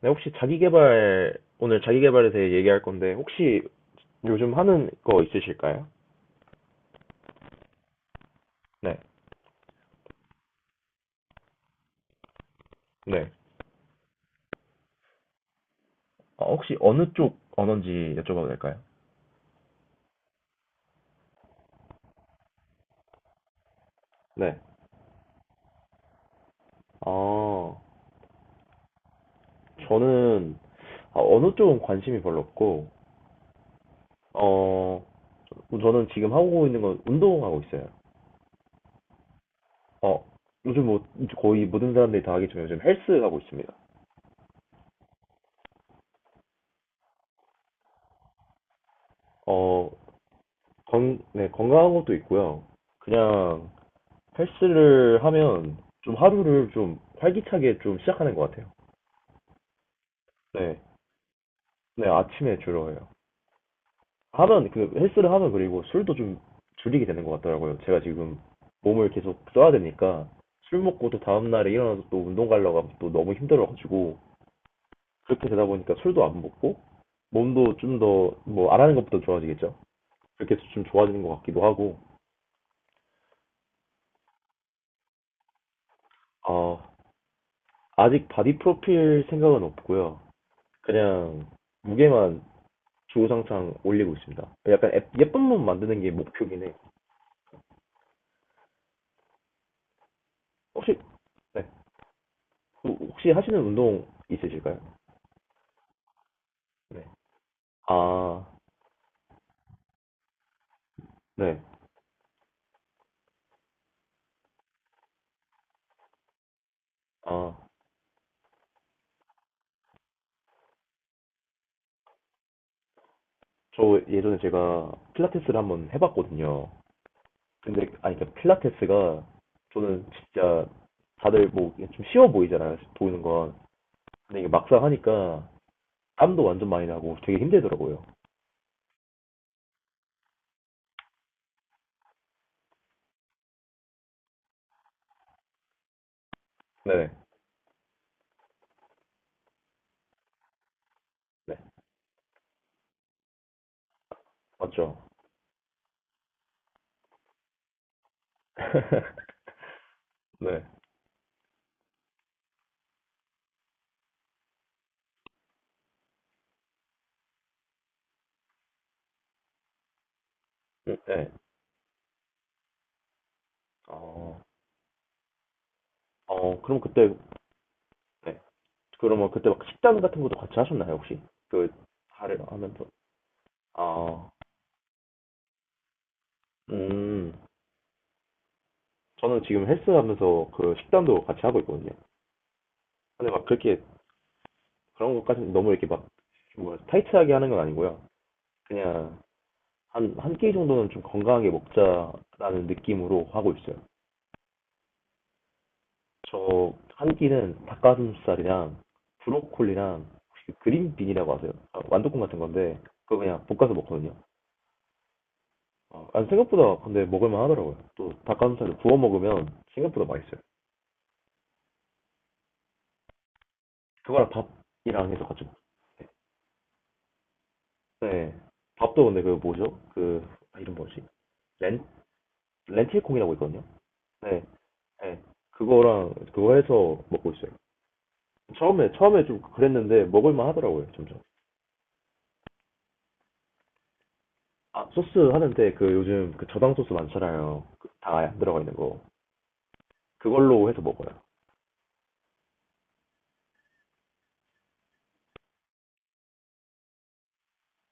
네, 혹시 자기계발, 오늘 자기계발에 대해 얘기할 건데, 혹시 요즘 하는 거 있으실까요? 네, 네, 혹시 어느 쪽 언어인지 여쭤봐도 될까요? 네. 아, 저는, 아, 어느 쪽은 관심이 별로 없고, 어, 저는 지금 하고 있는 건 운동하고 있어요. 어, 요즘 뭐, 거의 모든 사람들이 다 하겠지만 요즘 헬스 하고 있습니다. 어, 건, 네, 건강한 것도 있고요. 그냥 헬스를 하면 좀 하루를 좀 활기차게 좀 시작하는 것 같아요. 네. 네, 아침에 주로 해요. 하면, 그, 헬스를 하면 그리고 술도 좀 줄이게 되는 것 같더라고요. 제가 지금 몸을 계속 써야 되니까 술 먹고 또 다음날에 일어나서 또 운동 가려고 하면 또 너무 힘들어가지고 그렇게 되다 보니까 술도 안 먹고 몸도 좀 더 뭐 안 하는 것보다 좋아지겠죠? 그렇게 해서 좀 좋아지는 것 같기도 하고, 어, 아직 바디 프로필 생각은 없고요. 그냥 무게만 주구장창 올리고 있습니다. 약간 예쁜 몸 만드는 게 목표긴 해. 혹시 네. 혹시 하시는 운동 있으실까요? 네. 아, 네. 아, 저 예전에 제가 필라테스를 한번 해봤거든요. 근데 아니 그 필라테스가 저는 진짜 다들 뭐 좀 쉬워 보이잖아요. 보이는 건. 근데 이게 막상 하니까 땀도 완전 많이 나고 되게 힘들더라고요. 네. 네. 맞죠? 네. 네. 어, 어, 그럼 그때 네. 그러면 그때 막 식단 같은 것도 같이 하셨나요, 혹시? 그 발을 하면서. 아, 음. 저는 지금 헬스 하면서 그 식단도 같이 하고 있거든요. 근데 막 그렇게 그런 것까지 너무 이렇게 막 뭐, 타이트하게 하는 건 아니고요. 그냥 한끼 정도는 좀 건강하게 먹자라는 느낌으로 하고 있어요. 저 한 끼는 닭가슴살이랑 브로콜리랑 혹시 그 그린빈이라고 아세요? 아, 완두콩 같은 건데 그거 그냥 볶아서 먹거든요. 아, 아니, 생각보다 근데 먹을만 하더라고요. 또 닭가슴살을 구워 먹으면 생각보다 맛있어요. 그거랑 밥이랑 해서 같이 먹- 네. 밥도 근데 그 뭐죠? 그 아, 이름 뭐지? 렌 렌틸콩이라고 있거든요. 네. 네. 그거랑 그거 해서 먹고 있어요. 처음에 좀 그랬는데 먹을만 하더라고요, 점점. 아, 소스 하는데 그 요즘 그 저당 소스 많잖아요. 그 다 안 들어가 있는 거. 그걸로 해서 먹어요.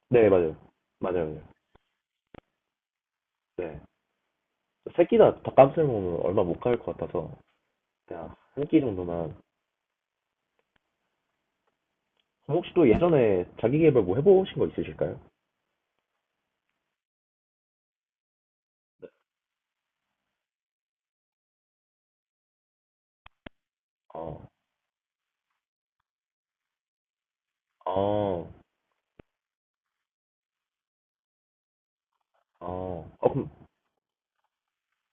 네, 맞아요. 맞아요. 맞아요. 네. 새끼나 닭가슴살 먹으면 얼마 못 갈 것 같아서 그냥 한 끼 정도만. 그럼 혹시 또 예전에 자기 계발 뭐 해보신 거 있으실까요? 어, 어, 어. 어, 그럼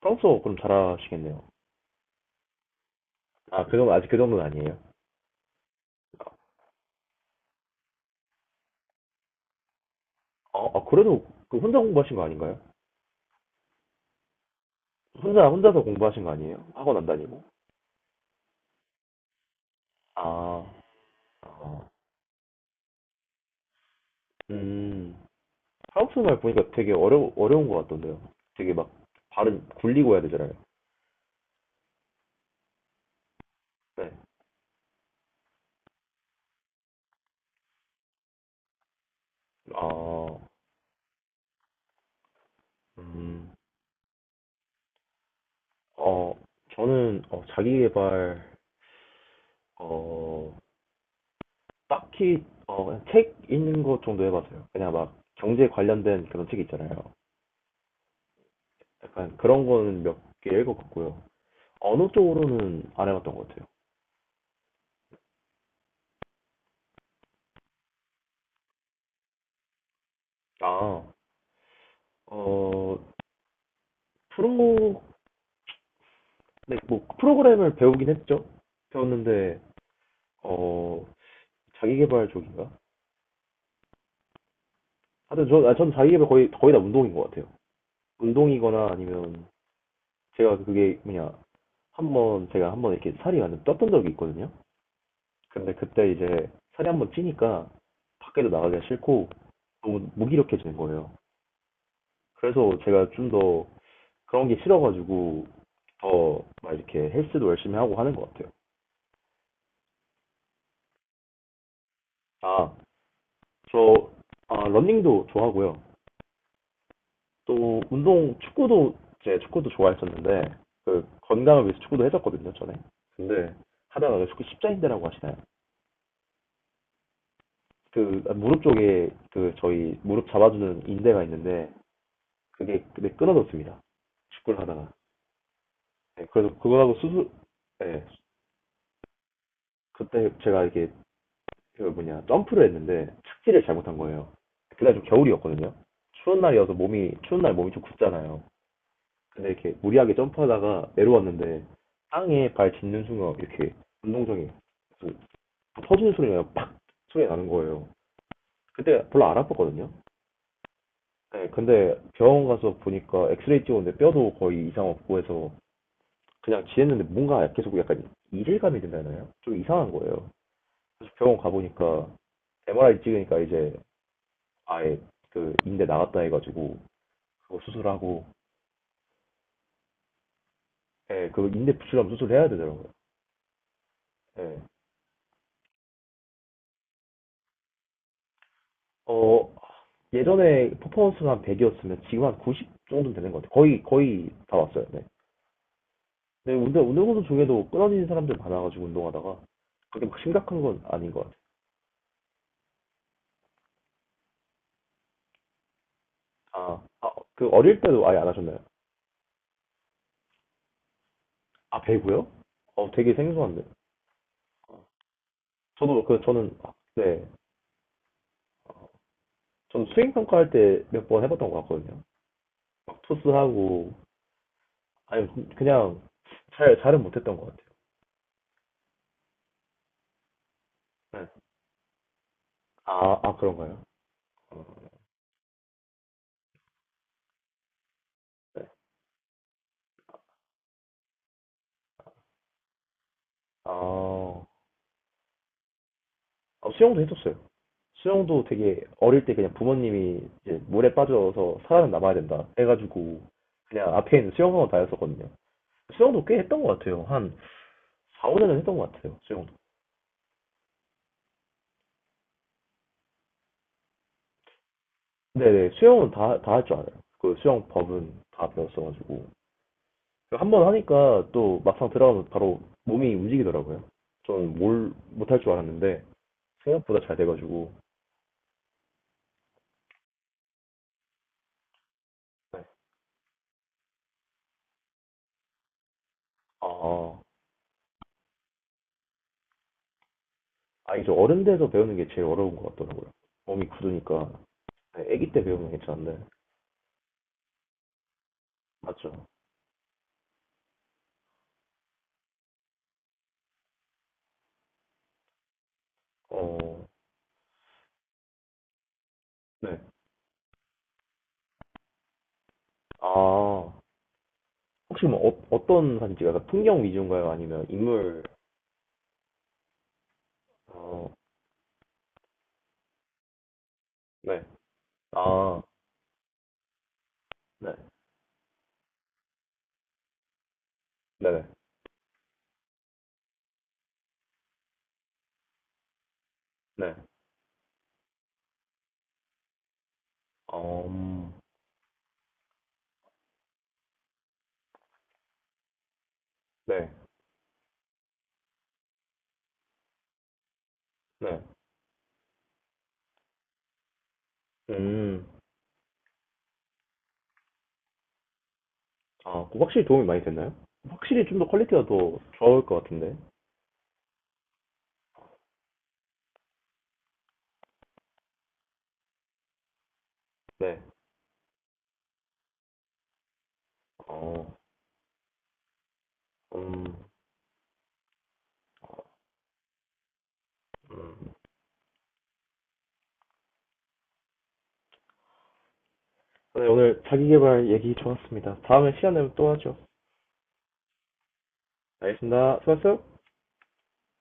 프랑스어 그럼 잘하시겠네요. 아, 그 정도, 아직 그 정도는 아니에요? 어, 아, 그래도 그 혼자 공부하신 거 아닌가요? 혼자서 공부하신 거 아니에요? 학원 안 다니고? 아, 아. 음. 프랑스어 말 보니까 되게 어려운 것 같던데요. 되게 막 발음 굴리고 해야 되잖아요. 네. 아, 음. 어, 저는 자기계발 어, 딱히 그냥 책 읽는 것 정도 해봤어요. 그냥 막 경제 관련된 그런 책 있잖아요. 약간 그런 거는 몇 개 읽어봤고요. 언어 쪽으로는 안 해봤던 것 같아요. 아, 어, 프로, 네, 뭐 프로그램을 배우긴 했죠. 배웠는데 어, 자기계발 쪽인가? 하여튼 저, 아, 전 자기계발 거의 다 운동인 것 같아요. 운동이거나 아니면 제가 그게 뭐냐 한번 이렇게 살이 완전 떴던 적이 있거든요. 근데 그때 이제 살이 한번 찌니까 밖에도 나가기가 싫고 너무 무기력해지는 거예요. 그래서 제가 좀 더 그런 게 싫어가지고 더 막 이렇게 헬스도 열심히 하고 하는 것 같아요. 아, 저 아, 러닝도 좋아하고요. 또 운동 축구도 제 축구도 좋아했었는데 그 건강을 위해서 축구도 했었거든요, 전에. 근데 하다가 그 축구 십자인대라고 하시나요? 그 무릎 쪽에 그 저희 무릎 잡아주는 인대가 있는데 그게 근데 끊어졌습니다. 축구를 하다가. 네, 그래서 그거하고 수술, 네. 그때 제가 이렇게 그 뭐냐 점프를 했는데 착지를 잘못한 거예요. 그날 좀 겨울이었거든요. 추운 날이어서 몸이 추운 날 몸이 좀 굳잖아요. 근데 이렇게 무리하게 점프하다가 내려왔는데 땅에 발 짚는 순간 이렇게 운동장이 그 터지는 소리가 팍 소리 나는 거예요. 그때 별로 안 아팠거든요. 네, 근데 병원 가서 보니까 엑스레이 찍었는데 뼈도 거의 이상 없고 해서 그냥 지냈는데 뭔가 계속 약간 이질감이 든다나요? 좀 이상한 거예요. 그래서 병원 가보니까 MRI 찍으니까 이제 아예 그 인대 나갔다 해가지고 그거 수술하고 예, 그 인대 붙이려면 수술해야 되더라고요. 예. 어, 예전에 퍼포먼스가 한 100이었으면 지금 한 90 정도 되는 것 같아요. 거의 다 왔어요. 네. 데 운동선수 중에도 끊어지는 사람들 많아가지고 운동하다가 그게 막 심각한 건 아닌 것 같아요. 아, 아, 그 어릴 때도 아예 안 하셨나요? 아, 배구요? 어, 되게 생소한데. 저도 그 저는 네, 저는 수행 평가할 때 몇 번 해봤던 것 같거든요. 막 토스하고 아니 그냥 잘 잘은 못했던 것 같아요. 네. 아, 아 그런가요? 네. 아, 아, 수영도 해줬어요. 수영도 되게 어릴 때 그냥 부모님이 이제 물에 빠져서 살아남아야 된다 해가지고 그냥 앞에 있는 수영학원 다녔었거든요. 수영도 꽤 했던 것 같아요. 한 4, 5년은 했던 것 같아요. 수영도. 네네, 수영은 다 할 줄 알아요. 그 수영 법은 다 배웠어가지고. 한 번 하니까 또 막상 들어가면 바로 몸이 움직이더라고요. 저는 뭘 못할 줄 알았는데 생각보다 잘 돼가지고 네. 아, 아 이제 어른 돼서 배우는 게 제일 어려운 것 같더라고요. 몸이 굳으니까 네, 아기 때 배우면 괜찮은데 맞죠? 어, 네. 아 혹시 뭐 어떤 사진 찍어요? 약간 풍경 위주인가요? 아니면 인물? 어, 네. 아, 네. 네네. 네. 음, 네. 네. 음, 아, 그거 확실히 도움이 많이 됐나요? 확실히 좀 더 퀄리티가 더 좋을 것 같은데. 네. 어, 음, 음. 네, 오늘 자기계발 얘기 좋았습니다. 다음에 시간 되면 또 하죠. 알겠습니다. 수고하셨어요.